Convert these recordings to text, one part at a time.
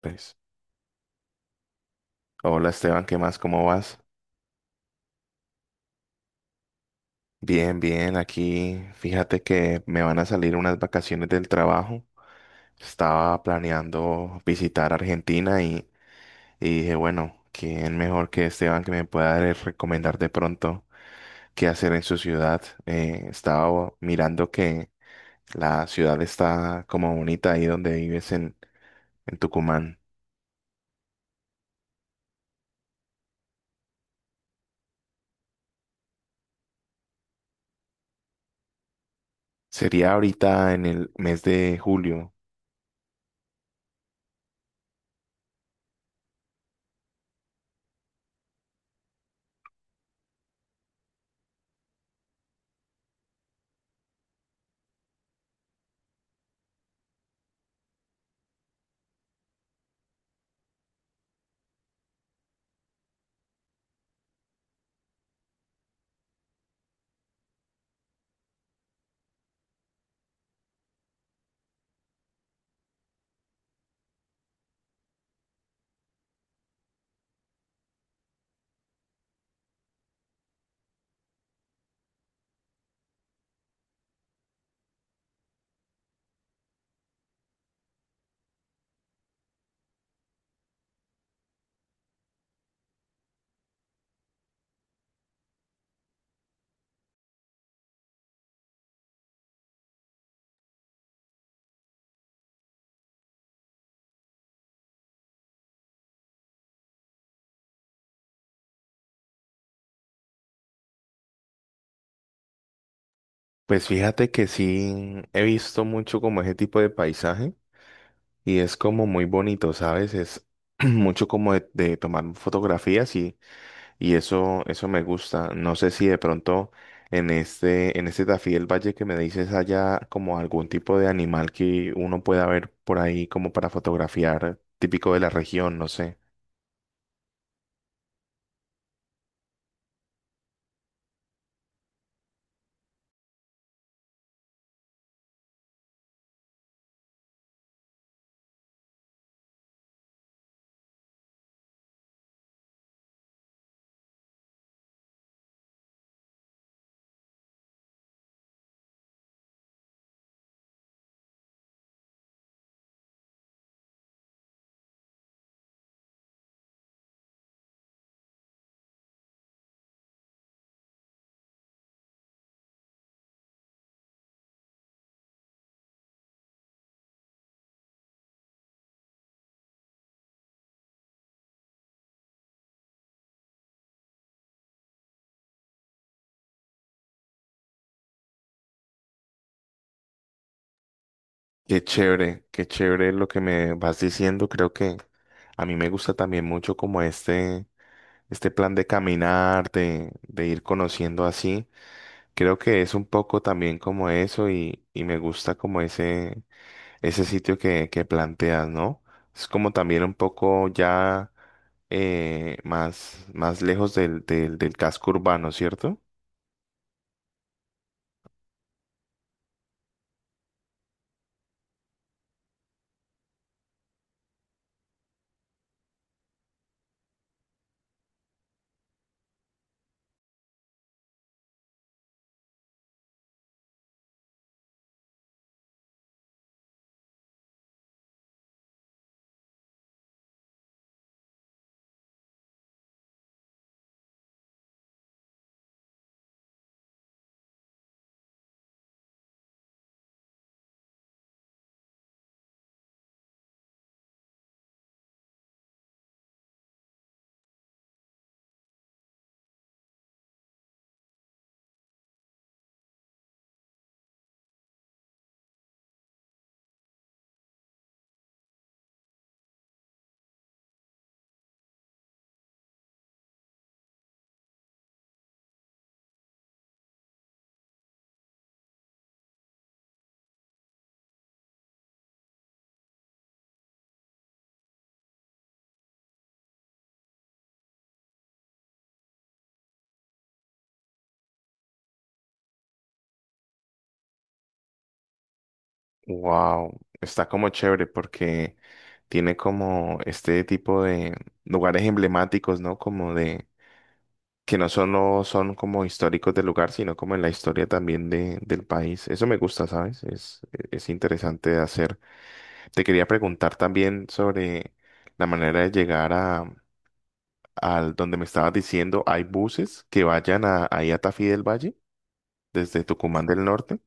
Pues, hola Esteban, ¿qué más? ¿Cómo vas? Bien, bien, aquí fíjate que me van a salir unas vacaciones del trabajo. Estaba planeando visitar Argentina y dije, bueno, ¿quién mejor que Esteban que me pueda recomendar de pronto qué hacer en su ciudad? Estaba mirando que la ciudad está como bonita ahí donde vives en Tucumán. Sería ahorita en el mes de julio. Pues fíjate que sí he visto mucho como ese tipo de paisaje y es como muy bonito, ¿sabes? Es mucho como de tomar fotografías y eso me gusta. No sé si de pronto en este Tafí del Valle que me dices haya como algún tipo de animal que uno pueda ver por ahí como para fotografiar, típico de la región, no sé. Qué chévere lo que me vas diciendo. Creo que a mí me gusta también mucho como este. Este plan de caminar, de ir conociendo así, creo que es un poco también como eso y me gusta como ese sitio que planteas, ¿no? Es como también un poco ya más, más lejos del, del casco urbano, ¿cierto? Wow, está como chévere porque tiene como este tipo de lugares emblemáticos, ¿no? Como de que no solo son como históricos del lugar, sino como en la historia también de, del país. Eso me gusta, ¿sabes? Es interesante de hacer. Te quería preguntar también sobre la manera de llegar a, al donde me estabas diciendo, ¿hay buses que vayan a, ahí a Tafí del Valle desde Tucumán del Norte?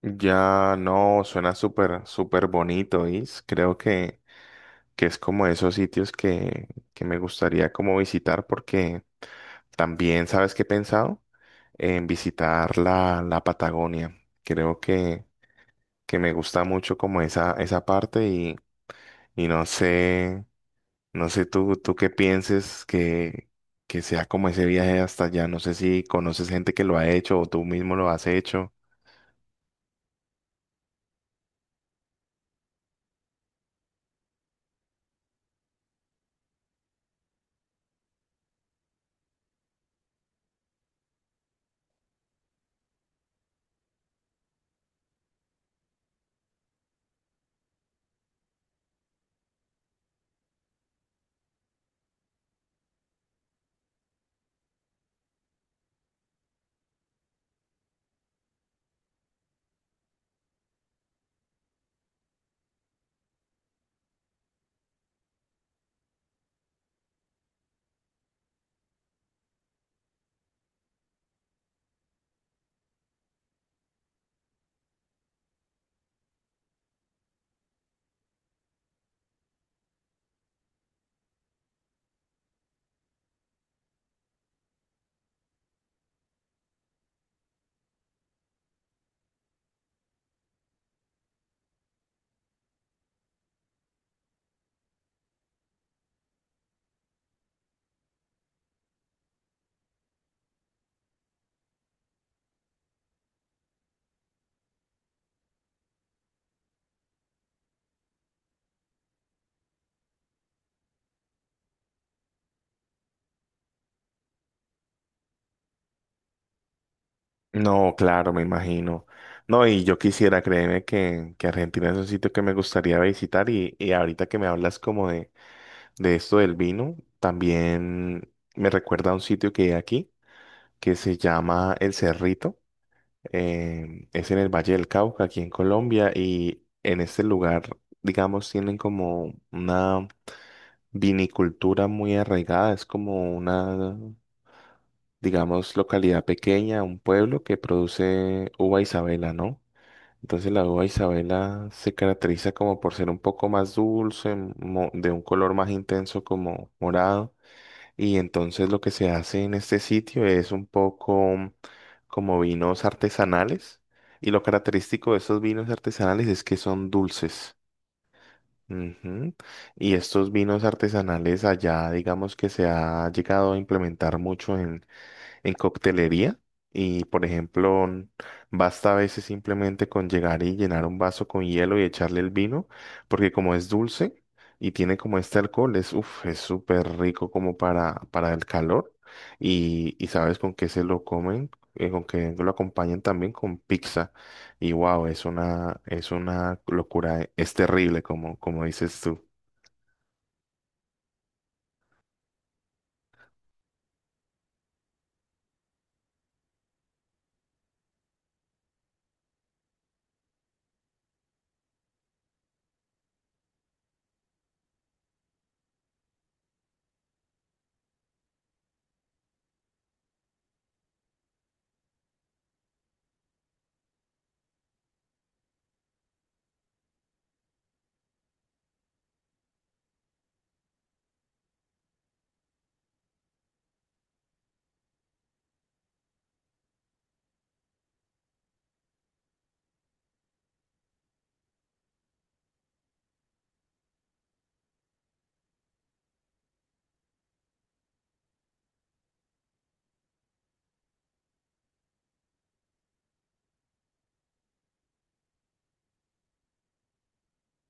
Ya no, suena súper, súper bonito, is creo que es como esos sitios que me gustaría como visitar porque también, ¿sabes qué he pensado? En visitar la, la Patagonia. Creo que me gusta mucho como esa parte y no sé, no sé tú, tú qué pienses que sea como ese viaje hasta allá. No sé si conoces gente que lo ha hecho o tú mismo lo has hecho. No, claro, me imagino. No, y yo quisiera, créeme que Argentina es un sitio que me gustaría visitar y ahorita que me hablas como de esto del vino, también me recuerda a un sitio que hay aquí que se llama El Cerrito. Eh, es en el Valle del Cauca, aquí en Colombia, y en este lugar, digamos, tienen como una vinicultura muy arraigada, es como una, digamos, localidad pequeña, un pueblo que produce uva Isabela, ¿no? Entonces la uva Isabela se caracteriza como por ser un poco más dulce, de un color más intenso como morado. Y entonces lo que se hace en este sitio es un poco como vinos artesanales. Y lo característico de estos vinos artesanales es que son dulces. Ujú. Y estos vinos artesanales allá, digamos que se ha llegado a implementar mucho en coctelería y, por ejemplo, basta a veces simplemente con llegar y llenar un vaso con hielo y echarle el vino, porque como es dulce y tiene como este alcohol, es, uf, es súper rico como para el calor y sabes con qué se lo comen. Eh, con que lo acompañan también con pizza y wow, es una locura, es terrible como, como dices tú.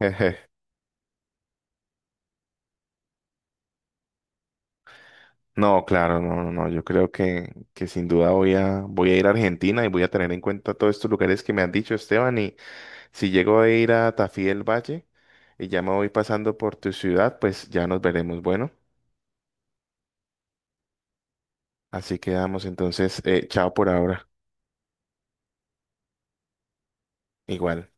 No, claro, no, no, no. Yo creo que sin duda voy voy a ir a Argentina y voy a tener en cuenta todos estos lugares que me han dicho, Esteban. Y si llego a ir a Tafí del Valle y ya me voy pasando por tu ciudad, pues ya nos veremos. Bueno, así quedamos entonces. Eh, chao por ahora. Igual.